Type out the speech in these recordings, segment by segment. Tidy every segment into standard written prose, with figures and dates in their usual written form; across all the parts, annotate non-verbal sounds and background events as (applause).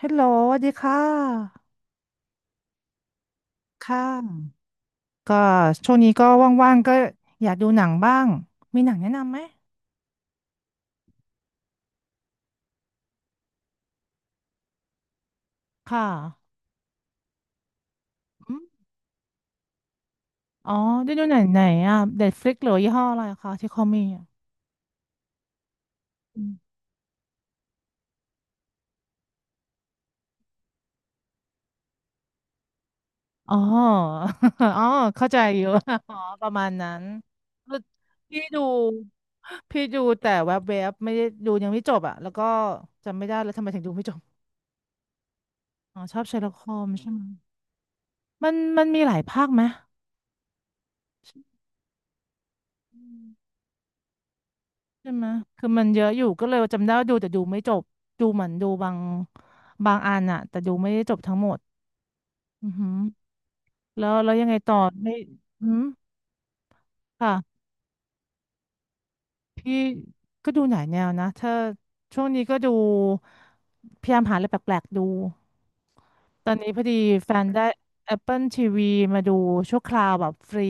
ฮัลโหลสวัสดีค่ะค่ะก็ช่วงนี้ก็ว่างๆก็อยากดูหนังบ้างมีหนังแนะนำไหมค่ะอมอ๋อได้ดูหนังไหนอ่ะ Netflix หรือยี่ห้ออะไรคะที่เขามีอะอืมอ๋อ (laughs) อ๋อเข้าใจอยู่ (laughs) อ๋อประมาณนั้นคือพี่ดูพี่ดูแต่แวบๆไม่ได้ดูยังไม่จบอ่ะแล้วก็จำไม่ได้แล้วทำไมถึงดูไม่จบอ๋อชอบเชอร์ล็อกโฮมใช่ไหมมันมีหลายภาคไหม ใช่ไหมคือมันเยอะอยู่ก็เลยจำได้ว่าดูแต่ดูไม่จบ ดูเหมือนดูบางอันอะแต่ดูไม่ได้จบทั้งหมดอือหือแล้วยังไงต่อไม่อืมค่ะพี่ก็ดูหลายแนวนะถ้าช่วงนี้ก็ดูพยายามหาอะไรแปลกๆดู ตอนนี้พอดีแฟนได้ Apple TV มาดูชั่วคราวแบบฟรี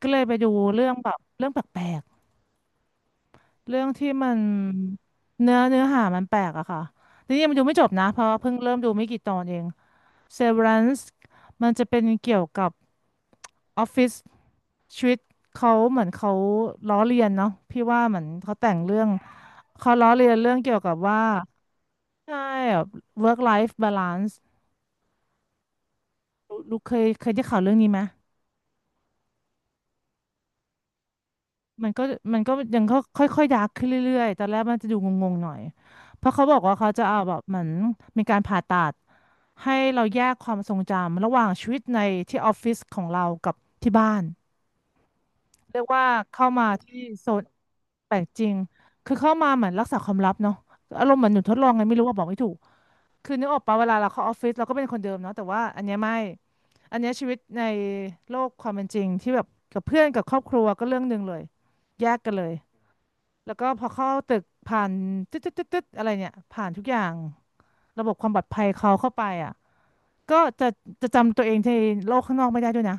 ก็เลยไปดูเรื่องแบบเรื่องแปลกๆ เรื่องที่มันเนื้อหามันแปลกอะค่ะนี่ยังดูไม่จบนะเพราะเพิ่งเริ่มดูไม่กี่ตอนเอง Severance มันจะเป็นเกี่ยวกับออฟฟิศชีวิตเขาเหมือนเขาล้อเลียนเนาะพี่ว่าเหมือนเขาแต่งเรื่องเขาล้อเลียนเรื่องเกี่ยวกับว่าใช่แบบ work life balance ลูกเคยได้ข่าวเรื่องนี้ไหม มันก็มันก็ยังก็ค่อยๆดาร์กขึ้นเรื่อยๆตอนแรกมันจะดูงงๆหน่อยเพราะเขาบอกว่าเขาจะเอาแบบเหมือนมีการผ่าตัดให้เราแยกความทรงจำระหว่างชีวิตในที่ออฟฟิศของเรากับที่บ้านเรียกว่าเข้ามาที่โซนแปลกจริงคือเข้ามาเหมือนรักษาความลับเนาะอารมณ์เหมือนหนูทดลองไงไม่รู้ว่าบอกไม่ถูกคือนึกออกปะเวลาเราเข้าออฟฟิศเราก็เป็นคนเดิมเนาะแต่ว่าอันเนี้ยไม่อันเนี้ยชีวิตในโลกความเป็นจริงที่แบบกับเพื่อนกับครอบครัวก็เรื่องหนึ่งเลยแยกกันเลย แล้วก็พอเข้าตึกผ่านตึ๊ดตึ๊ดตึ๊ดตึ๊ดอะไรเนี่ยผ่านทุกอย่างระบบความปลอดภัยเขาเข้าไปอ่ะก็จะจำตัวเองในโลกข้างนอกไม่ได้ด้วยนะ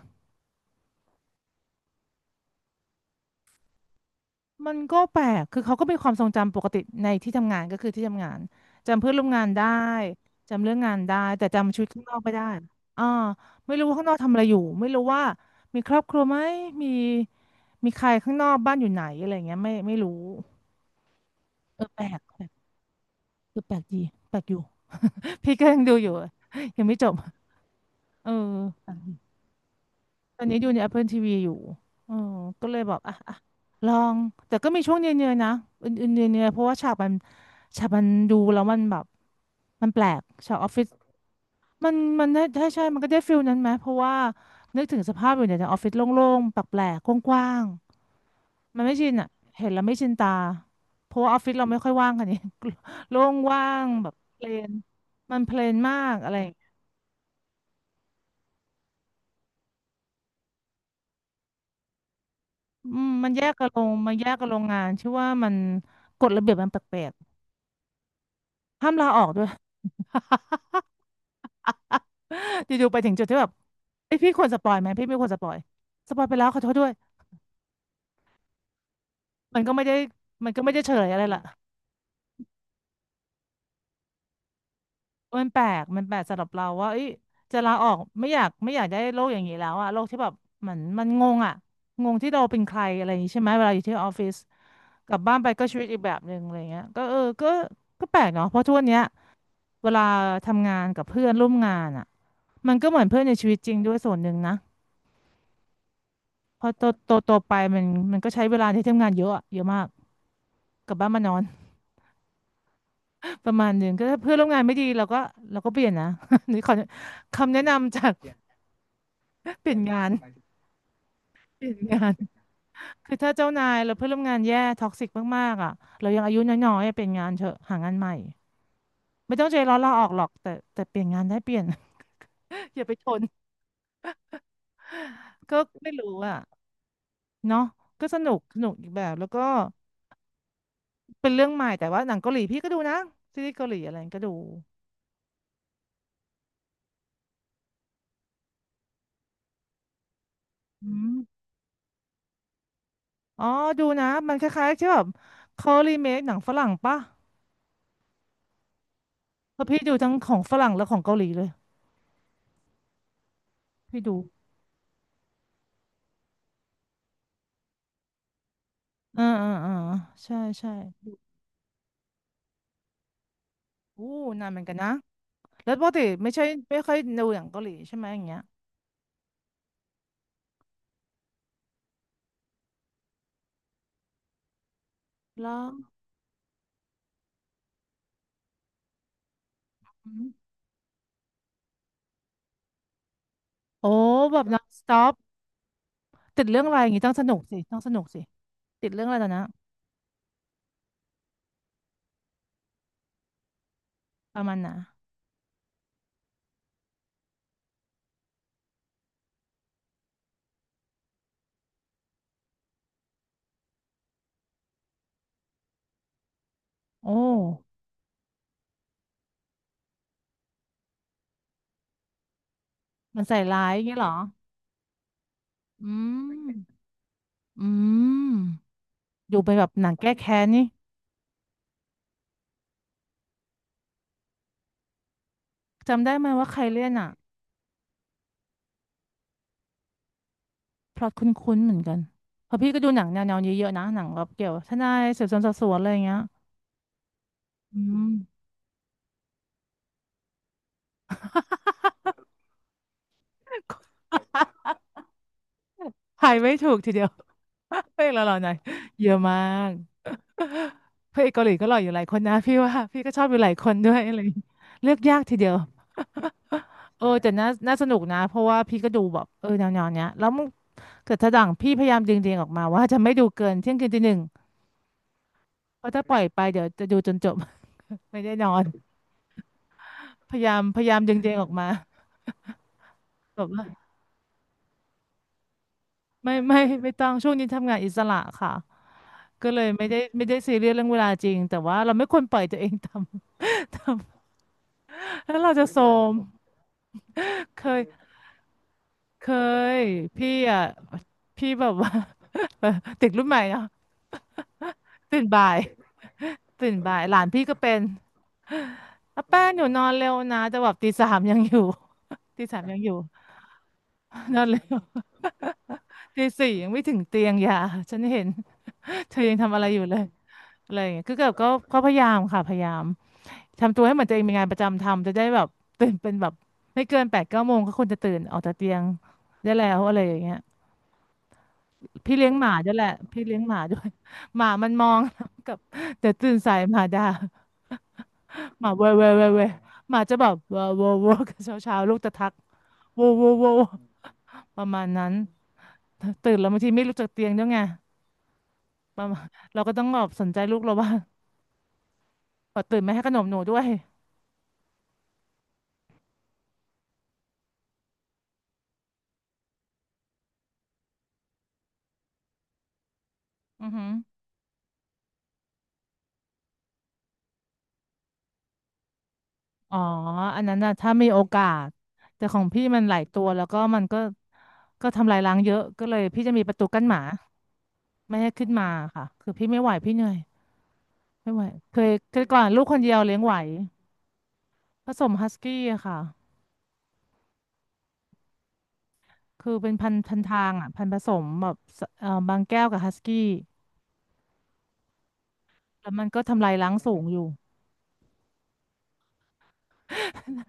มันก็แปลกคือเขาก็มีความทรงจำปกติในที่ทำงานก็คือที่ทำงานจำเพื่อนร่วมงานได้จำเรื่องงานได้แต่จำชีวิตข้างนอกไม่ได้อ่าไม่รู้ว่าข้างนอกทำอะไรอยู่ไม่รู้ว่ามีครอบครัวไหมมีมีใครข้างนอกบ้านอยู่ไหนอะไรเงี้ยไม่รู้เออแปลกแปลกคือแปลกดีแปลกอยู่ (laughs) พี่ก็ยังดูอยู่ยังไม่จบ เออตอนนี้ดูใน Apple TV อยู่เออก็เลยบอก อ่ะ ลอง แต่ก็มีช่วงเนื่อยๆนะอื่นๆเนื่อยๆเพราะว่าฉากมันดูแล้วมันแบบมันแปลกฉากออฟฟิศมันได้ใช่มันก็ได้ฟิลนั้นไหม เพราะว่านึกถึงสภาพอยู่ในออฟฟิศโล่งๆแปลกๆกว้างๆมันไม่ชินอ่ะ เห็นแล้วไม่ชินตา เพราะว่าออฟฟิศเราไม่ค่อยว่างกัน (laughs) นี่ (laughs) โล่งว่างแบบเพลนมันเพลนมากอะไร อืมมันแยกกับโรงมันแยกกับโรงงานชื่อว่ามันกฎระเบียบมันแปลกๆห้ามลาออกด้วย (laughs) อยู่ๆไปถึงจุดที่แบบไอยพี่ควรสปอยไหมพี่ไม่ควรสปอยสปอยไปแล้วขอโทษด้วยมันก็ไม่ได้มันก็ไม่ได้เฉลยอะไรล่ะมันแปลกสำหรับเราว่าเอ้ยจะลาออกไม่อยากได้โลกอย่างนี้แล้วอะโลกที่แบบเหมือนมันงงอะงงที่เราเป็นใครอะไรอย่างนี้ใช่ไหมเวลาอยู่ที่ออฟฟิศกลับบ้านไปก็ชีวิตอีกแบบหนึ่งอะไรเงี้ยก็เออก็ก็แปลกเนาะเพราะทุกวันเนี้ยเวลาทำงานกับเพื่อนร่วมงานอะ มันก็เหมือนเพื่อนในชีวิตจริงด้วยส่วนหนึ่งนะพอโตไปมันมันก็ใช้เวลาที่ทำงานเยอะอะเยอะมากกลับบ้านมานอน (laughs) ประมาณหนึ่งก็ถ้าเพื่อนร่วมงานไม่ดีเราก็เปลี่ยนนะ (laughs) นี่ขอคำแนะนำจาก (laughs) ปลี่ยนงานเปลี่ยนงานคือถ้าเจ้านายเราเพื่อนร่วมงานแย่ท็อกซิกมากๆอ่ะเรายังอายุน้อยๆอะเปลี่ยนงานเถอะหางานใหม่ไม่ต้องใจร้อนลาออกหรอกแต่เปลี่ยนงานได้เปลี่ยน (laughs) อย่าไปทนก็ไม่รู้อ่ะเนาะก็สนุกอีกแบบแล้วก็ เป็นเรื่องใหม่แต่ว่าหนังเกาหลีพี่ก็ดูนะซีรีส์เกาหลีอะไรก็ดูอืมอ๋อดูนะมันคล้ายๆใช่แบบเขารีเมคหนังฝรั่งปะเพราะพี่ดูทั้งของฝรั่งและของเกาหลีเลยพี่ดูอ่าอ่าอ่าใช่ใช่อู้นานเหมือนกันนะแล้วปกติไม่ใช่ไม่ค่อยดูหนังเกาหลีใช่ไหมอย่างเงี้ยแล้วอืมโอ้แบบนอนสต็อปติดเรื่องอะไรอย่างงี้ต้องสนุกสิต้องสนุกสิติดเรื่องอะไรตอนนะประมาณน่ะโอ้มันใส่ร้ายอย่างเงี้ยเหรออืมอืม ดูไปแบบหนังแก้แค้นนี่จำได้ไหมว่าใครเล่นอ่ะพล็อตคุ้นๆเหมือนกันเพราะพี่ก็ดูหนังแนวๆนี้เยอะนะหนังแบบเกี่ยวทนายสืบสวนสอบสวนอะไรอย่างเงี้ยอืม (laughs) ทายไม่ถูกทีเดียว (laughs) เพลงละหล่อหน่อยเยอะมากพระเอกเกาหลีก็หล่ออยู่หลายคนนะพี่ว่าพี่ก็ชอบอยู่หลายคนด้วยอะไรอย่างงี้เลือกยากทีเดียว (laughs) เออแต่น่าสนุกนะเพราะว่าพี่ก็ดูแบบเออแนวๆเนี้ยแล้วมึงเกิดถ้าดังพี่พยายามดึงๆออกมาว่าจะไม่ดูเกินเที่ยงคืนตีหนึ่ง เพราะถ้าปล่อยไปเดี๋ยวจะดูจนจบ (laughs) ไม่ได้นอนพยายามพยายามดึงตัวเองออกมาแบบว่าไม่ต้องช่วงนี้ทำงานอิสระค่ะก็เลยไม่ได้ซีเรียสเรื่องเวลาจริงแต่ว่าเราไม่ควรปล่อยตัวเองทำ (laughs) ทำแล้วเราจะโทรมเคยเคยพี่อ่ะพี่แบบว่า (laughs) ติดรุ่นใหม่เนาะตื่นบ่ายตื่นบ่ายหลานพี่ก็เป็นอาแป้งอยู่นอนเร็วนะแต่แบบตีสามยังอยู่ (laughs) ตีสามยังอยู่นอนเร็ว (laughs) ตีสี่ยังไม่ถึงเตียงอย่าฉันเห็น เธอยังทำอะไรอยู่เลยอะไรอย่างเงี้ยคือกิก็ก็พยายามค่ะพยายามทำตัวให้เหมือนตัวเองมีงานประจำทำจะได้แบบตื่นเป็นแบบไม่เกิน8-9 โมงก็ควรจะตื่นออกจากเตียงได้แล้วอะไรอย่างเงี้ยพี่เลี้ยงหมาด้วยแหละพี่เลี้ยงหมาด้วย (laughs) หมามันมอง (laughs) กับเดี๋ยวตื่นสายหมาด่าหมาเว่ยเว่ยเว่ยเว่ยหมาจะแบบเว่อเว่อเว่อกันเช้าเช้าลูกจะทักโวโวโวประมาณนั้นตื่นแล้วบางทีไม่ลุกจากเตียงด้วยไงประมาณเราก็ต้องแบบสนใจลูกเราว่างตื่นไม่ให้ขนมหนูด้วยอือหือ อ๋ออันนั้นน่ะถ้ามีโอกาส แต่ของพี่มันหลายตัว แล้วก็มันก็ก็ทำลายล้างเยอะ ก็เลยพี่จะมีประตูกั้นหมาไม่ให้ขึ้นมาค่ะคือพี่ไม่ไหวพี่เหนื่อยไม่ไหวเคยเคยก่อนลูกคนเดียวเลี้ยงไหวผสมฮัสกี้อะค่ะคือเป็นพันธุ์พันทางอ่ะพันธุ์ผสมแบบสบางแก้วกับฮัสกี้แล้วมันก็ทำลายล้างสูงอยู่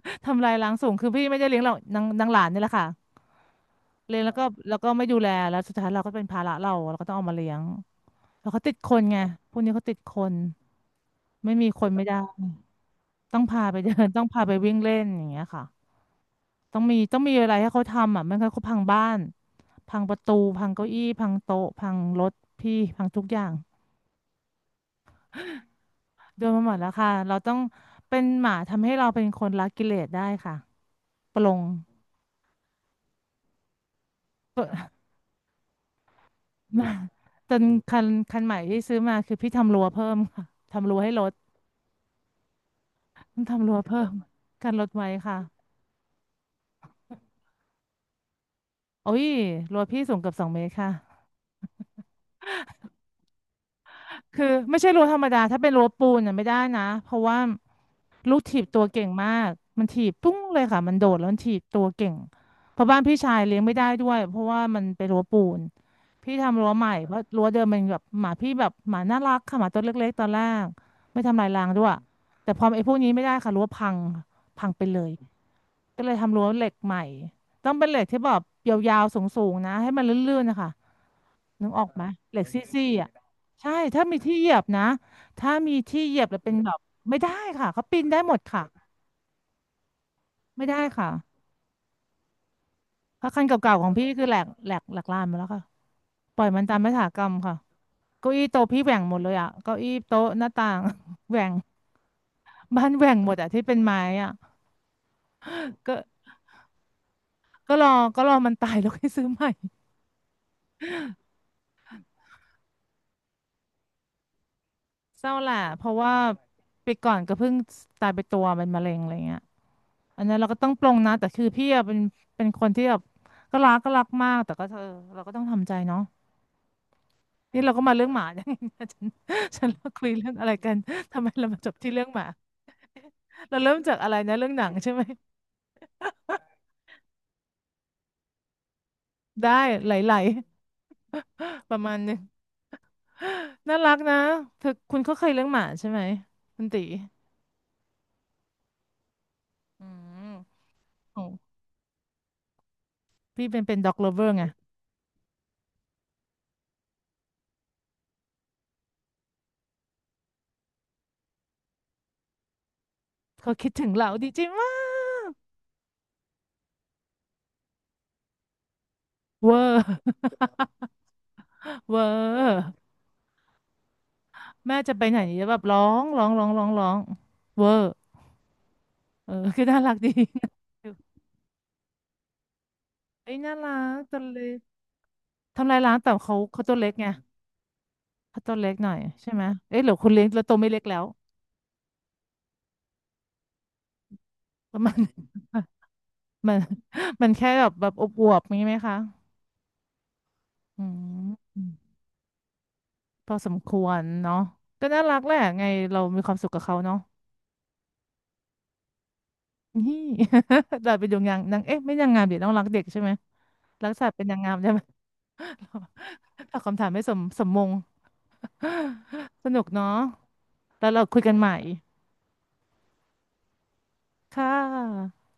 (laughs) ทำลายล้างสูงคือพี่ไม่ได้เลี้ยงหรอกนางนางหลานนี่แหละค่ะเลี้ยงแล้วก็แล้วก็ไม่ดูแลแล้วสุดท้ายเราก็เป็นภาระเราเราก็ต้องเอามาเลี้ยง แล้วเขาติดคนไงพวกนี้เขาติดคนไม่มีคนไม่ได้ต้องพาไปเดิน (laughs) ต้องพาไปวิ่งเล่นอย่างเงี้ยค่ะต้องมีต้องมีอะไรให้เขาทำอ่ะไม่งั้นเขาพังบ้านพังประตูพังเก้าอี้พังโต๊ะพังรถพี่พังทุกอย่างโดนมาหมดแล้วค่ะเราต้องเป็นหมาทำให้เราเป็นคนละกิเลสได้ค่ะปลง (laughs) เปดมาจนคันคันใหม่ที่ซื้อมาคือพี่ทำรั้วเพิ่มค่ะทำรั้วให้รถต้องทำรั้วเพิ่มกันรถไว้ค่ะโอ้ยรั้วพี่สูงเกือบ2 เมตรค่ะ คือไม่ใช่รั้วธรรมดาถ้าเป็นรั้วปูนน่ะไม่ได้นะเพราะว่าลูกถีบตัวเก่งมากมันถีบปุ้งเลยค่ะมันโดดแล้วมันถีบตัวเก่งเพราะบ้านพี่ชายเลี้ยงไม่ได้ด้วยเพราะว่ามันเป็นรั้วปูนพี่ทำรั้วใหม่เพราะรั้วเดิมมันแบบหมาพี่แบบหมาน่ารักค่ะหมาตัวเล็กๆตอนแรกไม่ทำลายรางด้วยแต่พอไอ้พวกนี้ไม่ได้ค่ะรั้วพังพังไปเลย ก็เลยทำรั้วเหล็กใหม่ต้องเป็นเหล็กที่แบบยาวๆสูงๆนะให้มันลื่นๆนะคะนึกออกไหมเหล็กงซี่ปีๆอ่ะ่ใช่ถ้ามีที่เหยียบนะถ้ามีที่เหยียบแล้วเป็นแบบไม่ได้ค่ะเขาปีนได้หมดค่ะไม่ได้ค่ะเพราะคันเก่าๆของพี่คือแหลกลานมาแล้วค่ะปล่อยมันตามยถากรรมค่ะเก้าอี้โต๊ะพี่แหว่งหมดเลยอ่ะเก้าอี้โต๊ะหน้าต่าง (laughs) แหว่งบ้านแหว่งหมดอ่ะที่เป็นไม้อ่ะก็ก็รอก็รอมันตายแล้วค่อยซื้อใหม่ เศร้าแหละเพราะว่าไปก่อนก็เพิ่งตายไปตัวเป็นมะเร็งอะไรเงี้ยอันนั้นเราก็ต้องปลงนะแต่คือพี่อะเป็นเป็นคนที่แบบก็รักก็รักมากแต่ก็เธออเราก็ต้องทำใจเนาะนี่เราก็มาเรื่องหมาอย่างนี้นะ (laughs) ฉันเราคุยเรื่องอะไรกันทำไมเรามาจบที่เรื่องหมาเราเริ่มจากอะไรนะเรื่องหนังใช่ไหมได้ไหลๆประมาณหนึงน่ารักนะเธอคุณก็เคยเรื่องหมาใช่ไหมคุณตีอืมโอ้พี่เป็นเป็นด็อกเลเวอร์ไงเขาคิดถึงเราดีใจมาก เวอร์ (laughs) เวอร์แม่จะไปไหนแบบร้องร้องร้องร้องร้องเวอร์เออ (laughs) คือน่ารักดี (laughs) เอ้ยน่ารักตัวเล็กทำลายล้างแต่เขาเขาตัวเล็กไงเขาตัวเล็กหน่อยใช่ไหมเอ้ยหรือคุณเลี้ยงแล้วตัวไม่เล็กแล้วประมาณ (laughs) มัน (laughs) มันแค่แบบแบบอวบๆงี้ไหมคะอืมพอสมควรเนาะก็น่ารักแหละไงเรามีความสุขกับเขาเนาะ (laughs) นี่ (laughs) เราไปดูงานนางเอ๊ะไม่นางงามเดี๋ยต้องรักเด็กใช่ไหมรักสัตว์เป็นนางงามใช่ไหม (laughs) ตอบคำถามไม่สมสมมง (laughs) สนุกเนาะแล้วเราคุยกันใหม่ค่ะ